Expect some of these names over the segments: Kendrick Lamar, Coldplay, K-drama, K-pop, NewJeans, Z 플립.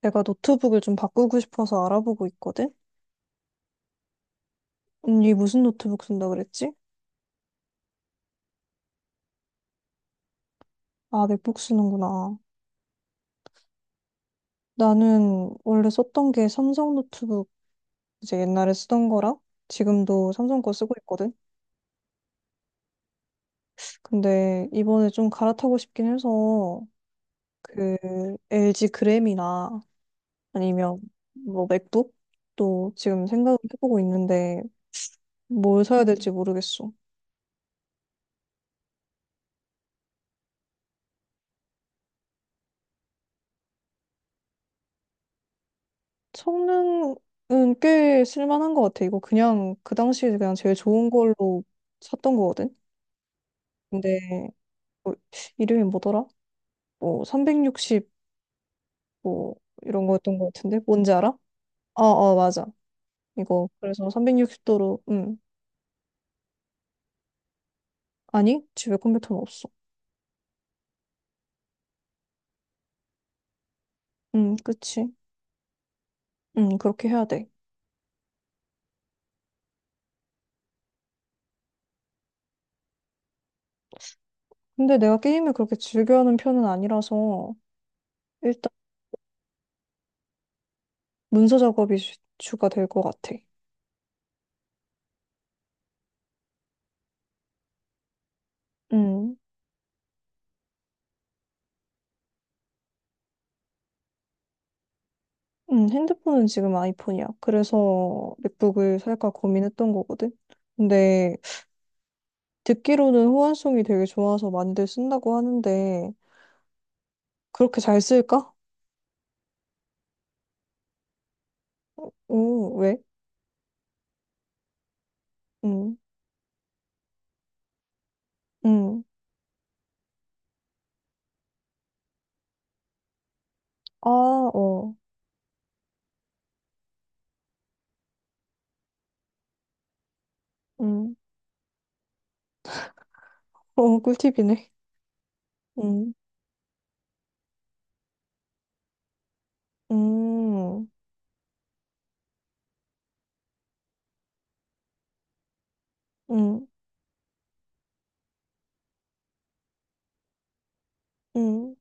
내가 노트북을 좀 바꾸고 싶어서 알아보고 있거든? 언니 무슨 노트북 쓴다 그랬지? 아, 맥북 쓰는구나. 나는 원래 썼던 게 삼성 노트북, 이제 옛날에 쓰던 거랑 지금도 삼성 거 쓰고 있거든? 근데 이번에 좀 갈아타고 싶긴 해서 그 LG 그램이나 아니면 뭐 맥북? 또 지금 생각을 해보고 있는데 뭘 사야 될지 모르겠어. 성능은 꽤 쓸만한 것 같아. 이거 그냥 그 당시에 그냥 제일 좋은 걸로 샀던 거거든. 근데 뭐 이름이 뭐더라? 뭐 360 뭐 이런 거였던 것 같은데 뭔지 알아? 어, 어, 맞아. 이거 그래서 360도로 음, 아니 집에 컴퓨터는 없어. 음, 그치. 음, 그렇게 해야 돼. 근데 내가 게임을 그렇게 즐겨하는 편은 아니라서. 일단 문서 작업이 주가 될 것 같아, 응. 핸드폰은 지금 아이폰이야. 그래서 맥북을 살까 고민했던 거거든. 근데 듣기로는 호환성이 되게 좋아서 많이들 쓴다고 하는데 그렇게 잘 쓸까? 오, 왜? 음, 음, 아, 어, 음, 어, 꿀팁이네. 음, 음, 음, 음,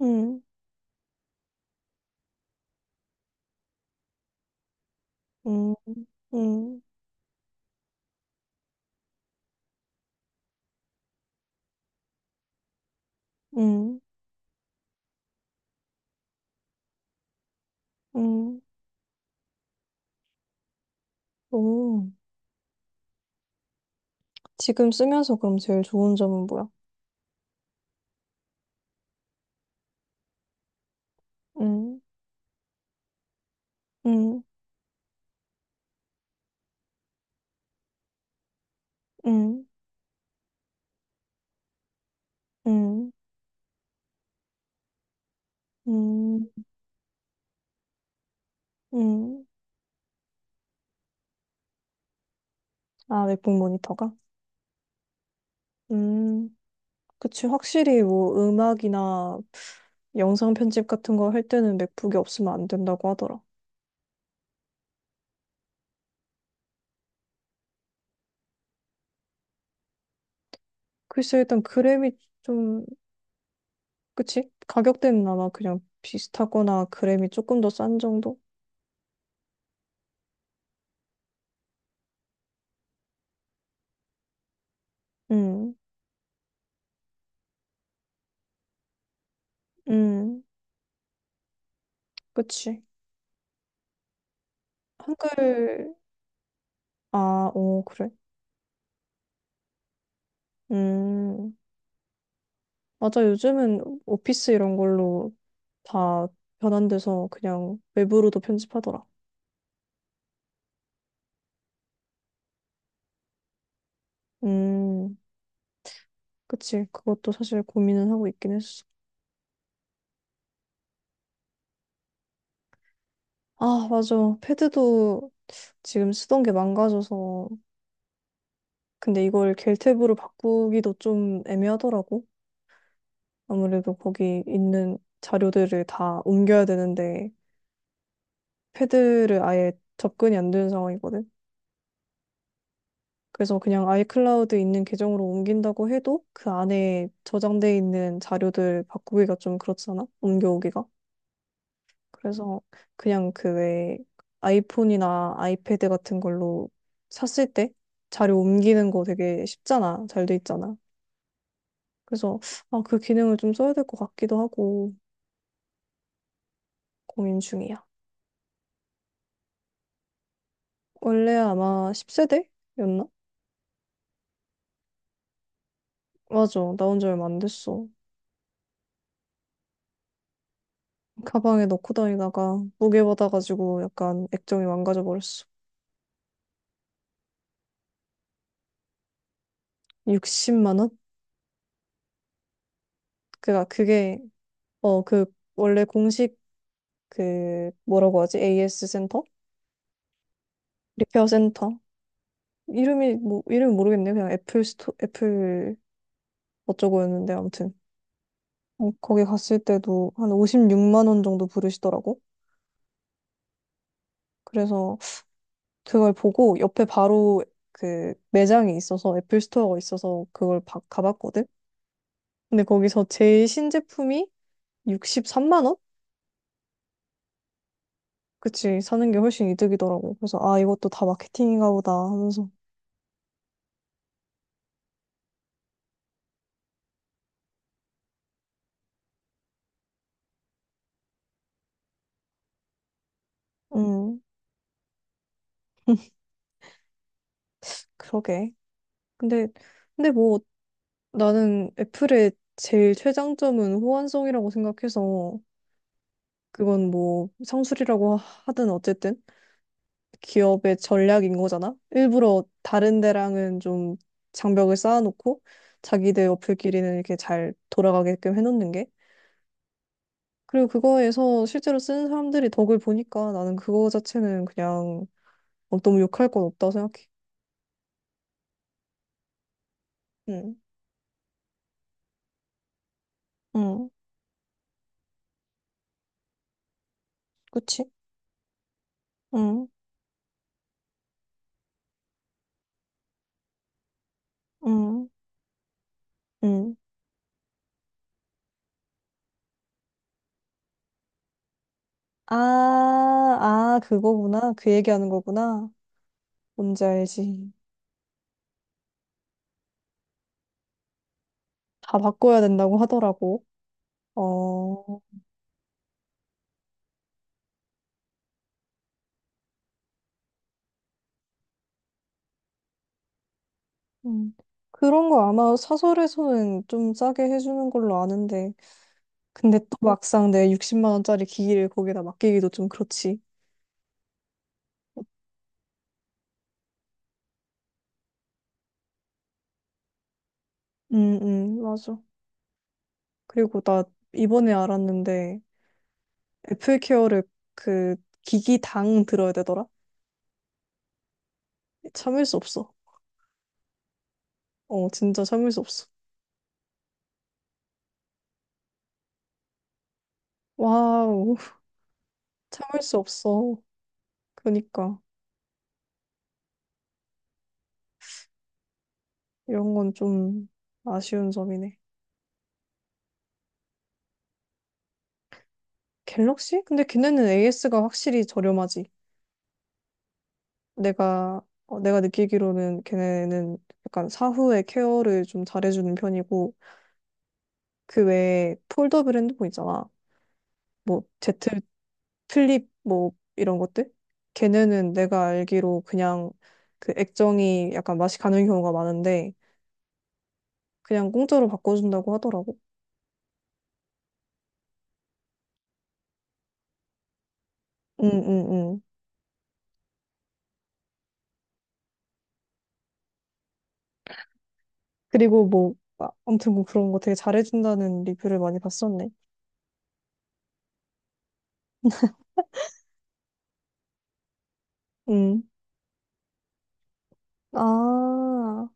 음, 음, 음, 음, 음, 음. 오. 지금 쓰면서 그럼 제일 좋은 점은 뭐야? 음, 음, 음, 음. 음, 음, 아, 맥북 모니터가? 음, 그치. 확실히 뭐 음악이나 영상 편집 같은 거 할 때는 맥북이 없으면 안 된다고 하더라. 글쎄, 일단 그램이 좀, 그치? 가격대는 아마 그냥 비슷하거나 그램이 조금 더 싼 정도? 음, 음, 그치. 한글, 아, 오, 그래. 음, 맞아. 요즘은 오피스 이런 걸로 다 변환돼서 그냥 웹으로도 편집하더라. 음. 그치. 그것도 사실 고민은 하고 있긴 했어. 아, 맞아. 패드도 지금 쓰던 게 망가져서. 근데 이걸 겔탭으로 바꾸기도 좀 애매하더라고. 아무래도 거기 있는 자료들을 다 옮겨야 되는데, 패드를 아예 접근이 안 되는 상황이거든. 그래서 그냥 아이클라우드 있는 계정으로 옮긴다고 해도 그 안에 저장돼 있는 자료들 바꾸기가 좀 그렇잖아. 옮겨오기가. 그래서 그냥 그 왜 아이폰이나 아이패드 같은 걸로 샀을 때 자료 옮기는 거 되게 쉽잖아. 잘 돼 있잖아. 그래서 아, 그 기능을 좀 써야 될 것 같기도 하고 고민 중이야. 원래 아마 10세대였나? 맞아. 나온 지 얼마 안 됐어. 가방에 넣고 다니다가 무게 받아가지고 약간 액정이 망가져 버렸어. 60만 원? 그니까 그게 어 그 원래 공식 그 뭐라고 하지? AS 센터? 리페어 센터? 이름이 뭐 이름 모르겠네. 요 그냥 애플 스토 애플 어쩌고였는데 아무튼 어, 거기 갔을 때도 한 56만 원 정도 부르시더라고. 그래서 그걸 보고 옆에 바로 그 매장이 있어서 애플 스토어가 있어서 가봤거든. 근데 거기서 제일 신제품이 63만 원? 그치, 사는 게 훨씬 이득이더라고. 그래서 아 이것도 다 마케팅인가 보다 하면서 음, 그러게. 근데 근데 뭐 나는 애플의 제일 최장점은 호환성이라고 생각해서 그건 뭐 상술이라고 하든 어쨌든 기업의 전략인 거잖아. 일부러 다른 데랑은 좀 장벽을 쌓아놓고 자기들 어플끼리는 이렇게 잘 돌아가게끔 해놓는 게. 그리고 그거에서 실제로 쓰는 사람들이 덕을 보니까 나는 그거 자체는 그냥 어, 너무 욕할 건 없다고 생각해. 응, 응, 그치? 응, 응, 응. 아, 아, 그거구나. 그 얘기하는 거구나. 뭔지 알지. 다 바꿔야 된다고 하더라고. 어, 음. 그런 거 아마 사설에서는 좀 싸게 해주는 걸로 아는데. 근데 또 막상 내 60만 원짜리 기기를 거기다 맡기기도 좀 그렇지. 응, 응, 맞아. 그리고 나 이번에 알았는데 애플 케어를 그 기기당 들어야 되더라? 참을 수 없어. 어, 진짜 참을 수 없어. 와우, 참을 수 없어. 그러니까 이런 건 좀 아쉬운 점이네. 갤럭시? 근데 걔네는 AS가 확실히 저렴하지. 내가, 어, 내가 느끼기로는 걔네는 약간 사후에 케어를 좀 잘해주는 편이고, 그 외에 폴더블 핸드폰 있잖아. 뭐, Z 플립, 뭐, 이런 것들? 걔네는 내가 알기로 그냥 그 액정이 약간 맛이 가는 경우가 많은데, 그냥 공짜로 바꿔준다고 하더라고. 응, 응, 응. 그리고 뭐, 아, 아무튼 뭐 그런 거 되게 잘해준다는 리뷰를 많이 봤었네. 응. 아.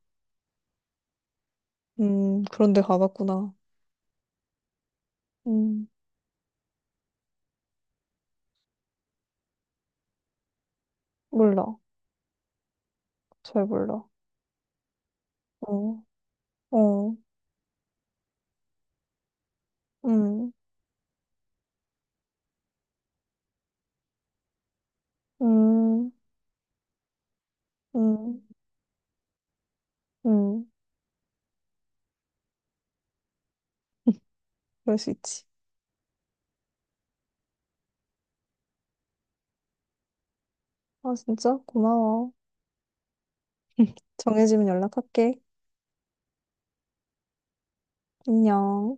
그런데 가봤구나. 음, 몰라. 잘 몰라. 어, 어, 음, 음, 음, 음. 그럴 수 있지. 아, 진짜? 고마워. 정해지면 연락할게. 안녕.